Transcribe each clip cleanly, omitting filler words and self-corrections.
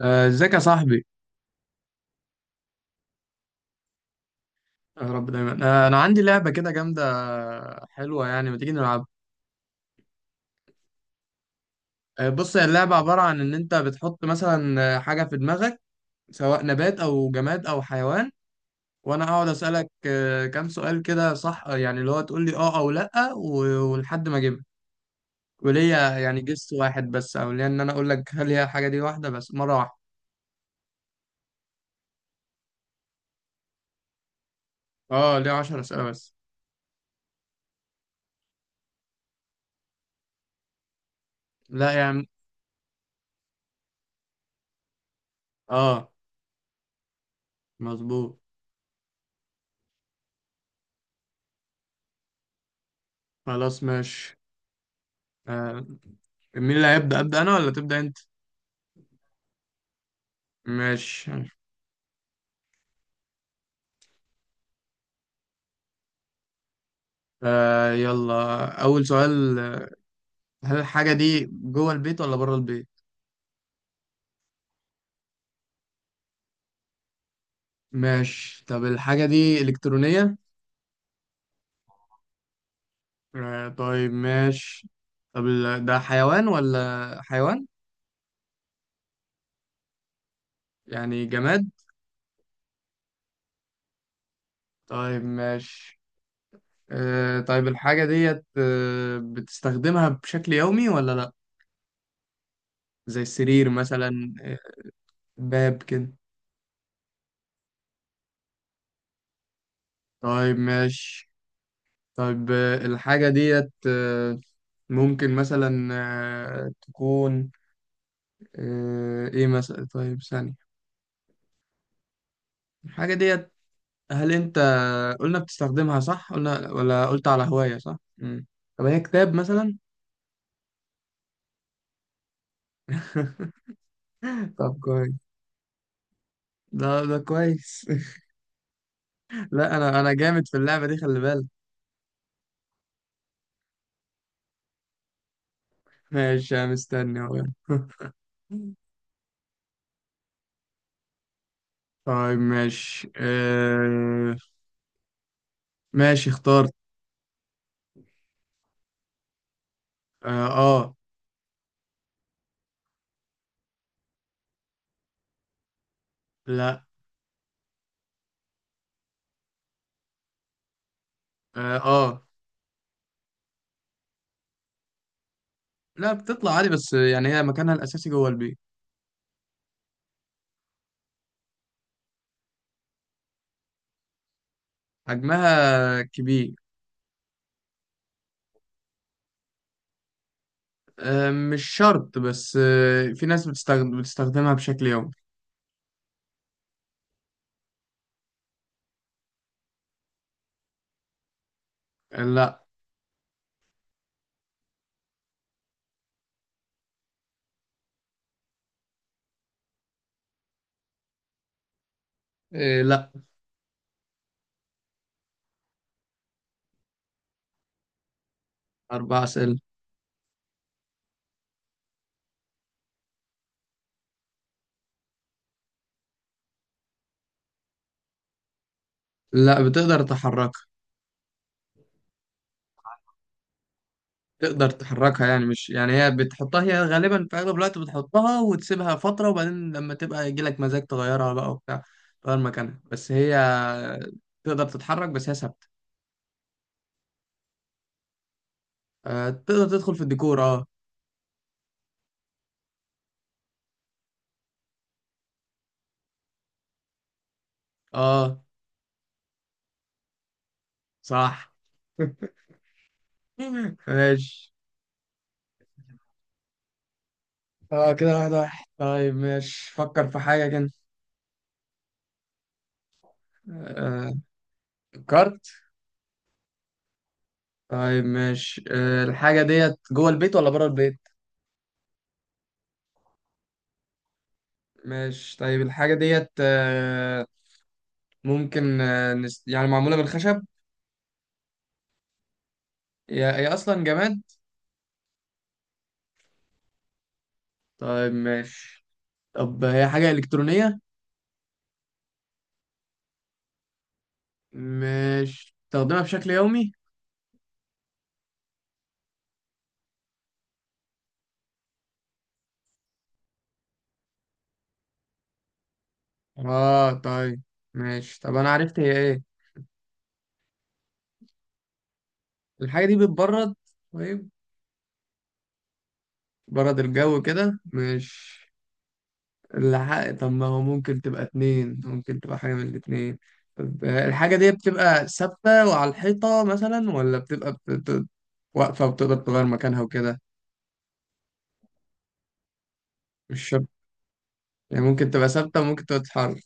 ازيك يا صاحبي. يا رب دايما. انا عندي لعبه كده جامده. حلوه، يعني ما تيجي نلعب. بص، هي اللعبه عباره عن ان انت بتحط مثلا حاجه في دماغك، سواء نبات او جماد او حيوان. وانا اقعد اسالك كام سؤال كده، صح؟ يعني اللي هو تقول لي اه او لا، ولحد ما اجيبها. وليا يعني جس واحد بس، او ليا ان انا اقول لك هل هي الحاجه دي، واحده بس مره واحده. اه، ليا 10 اسئله بس. لا يعني. اه، مظبوط. خلاص ماشي. آه، مين اللي هيبدا، ابدا انا ولا تبدا انت؟ ماشي. يلا، أول سؤال. هل الحاجة دي جوه البيت ولا بره البيت؟ ماشي، طب الحاجة دي إلكترونية؟ آه، طيب ماشي. طب ده حيوان ولا حيوان؟ يعني جماد؟ طيب ماشي. آه، طيب. الحاجة ديت بتستخدمها بشكل يومي ولا لأ؟ زي السرير مثلا. باب كده. طيب ماشي. طيب، الحاجة ديت ممكن مثلا تكون ايه مثلا. طيب، ثانية. الحاجة ديت، هل انت قلنا بتستخدمها، صح؟ قلنا ولا قلت على هواية؟ صح. طب هي كتاب مثلا؟ طب كويس. ده كويس. لا، انا جامد في اللعبة دي، خلي بالك. ماشي، أنا مستني اهو. طيب ماشي. ماشي، اخترت. اه. لا. اه. آه. لا، بتطلع عادي، بس يعني هي مكانها الاساسي جوه البيت. حجمها كبير. مش شرط، بس في ناس بتستخدمها بشكل يومي. لا. لا. أربع أسئلة. لا، بتقدر تحركها. تقدر تحركها، يعني مش، يعني هي بتحطها، هي غالبا في أغلب الوقت بتحطها وتسيبها فترة، وبعدين لما تبقى يجيلك مزاج تغيرها بقى وبتاع، تغير مكانها، بس هي تقدر تتحرك، بس هي ثابتة. تقدر تدخل في الديكور، اه. اه، صح. ماشي. اه، كده واحد واحد. طيب ماشي، فكر في حاجة كده. آه، فكرت. طيب ماشي. الحاجة ديت جوه البيت ولا بره البيت؟ ماشي، طيب الحاجة ديت ممكن يعني معمولة من الخشب؟ هي هي أصلا جماد. طيب ماشي. طب هي حاجة إلكترونية؟ ماشي. تستخدمها بشكل يومي؟ اه، طيب ماشي. طب أنا عرفت هي إيه. الحاجة دي بتبرد. طيب. برد الجو كده، ماشي. الحق. طب ما هو ممكن تبقى اتنين، ممكن تبقى حاجة من الاتنين. طب الحاجة دي بتبقى ثابتة وعلى الحيطة مثلا، ولا بتبقى واقفة وبتقدر تغير مكانها وكده؟ مش شرط. يعني ممكن تبقى ثابتة وممكن تبقى تتحرك.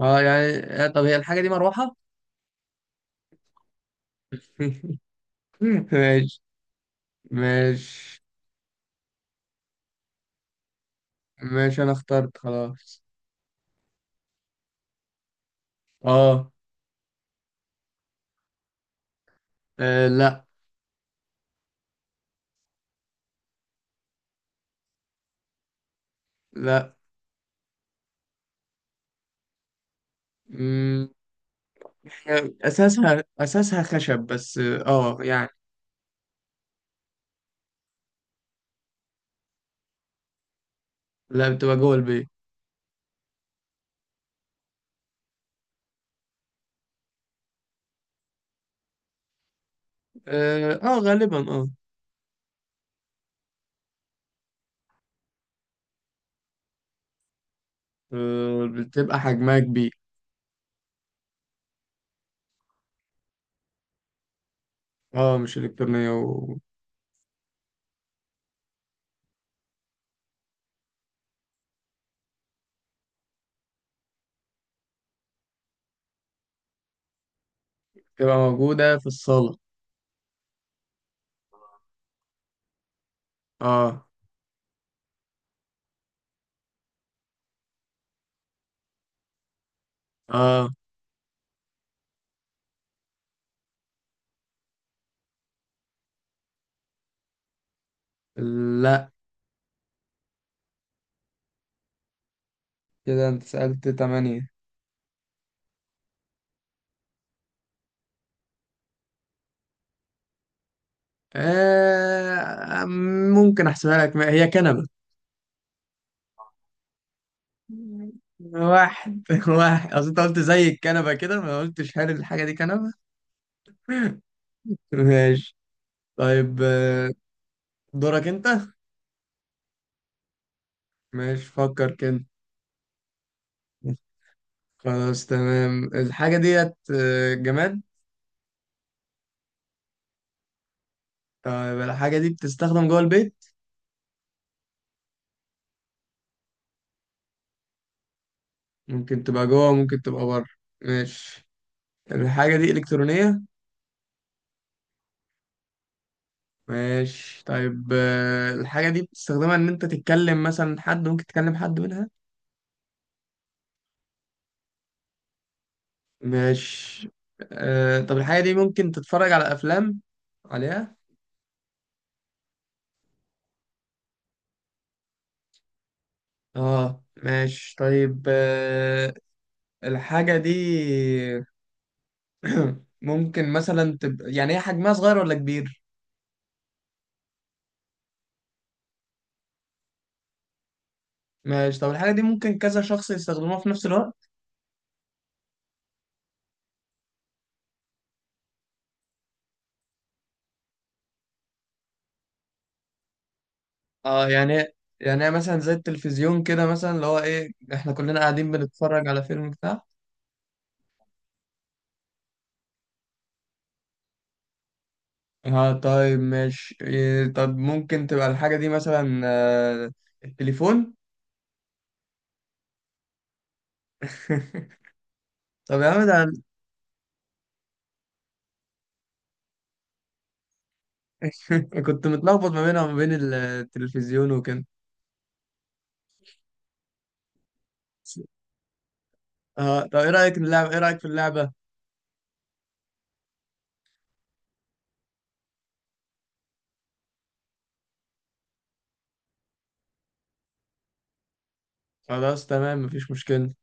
اه، يعني. طب هي الحاجة دي مروحة؟ ماشي. ماشي. ماشي، أنا اخترت خلاص. اه. لا. لا. مم، هي أساسها خشب، بس اه يعني. لا، بتبقى جوه البيت. اه، غالبا اه. بتبقى حجمها كبير. اه، مش إلكترونية وبتبقى موجودة في الصالة. اه. اه. لا. كده انت سألت تمانية. آه ممكن احسبها لك. هي كنبة. واحد واحد، اصل انت قلت زي الكنبة كده، ما قلتش هل الحاجة دي كنبة. ماشي. طيب، دورك انت. ماشي، فكر كده. خلاص تمام. الحاجة ديت جماد. طيب، الحاجة دي بتستخدم جوه البيت؟ ممكن تبقى جوه، ممكن تبقى بره. ماشي. الحاجة دي إلكترونية؟ ماشي، طيب الحاجة دي بتستخدمها إن أنت تتكلم مثلا حد، ممكن تكلم حد منها؟ ماشي. طب الحاجة دي ممكن تتفرج على أفلام عليها؟ اه، ماشي. طيب الحاجة دي ممكن مثلا تبقى، يعني هي حجمها صغير ولا كبير؟ ماشي. طب الحاجة دي ممكن كذا شخص يستخدموها في نفس الوقت؟ اه، يعني مثلا زي التلفزيون كده مثلا اللي هو ايه، احنا كلنا قاعدين بنتفرج على فيلم بتاع اه، طيب ماشي. إيه، طب ممكن تبقى الحاجة دي مثلا التليفون؟ طب يا عم ده. أنا كنت متلخبط ما بينها وما بين التلفزيون وكده. اه، طب ايه رأيك نلعب، ايه رأيك في اللعبة؟ خلاص، تمام، مفيش مشكلة.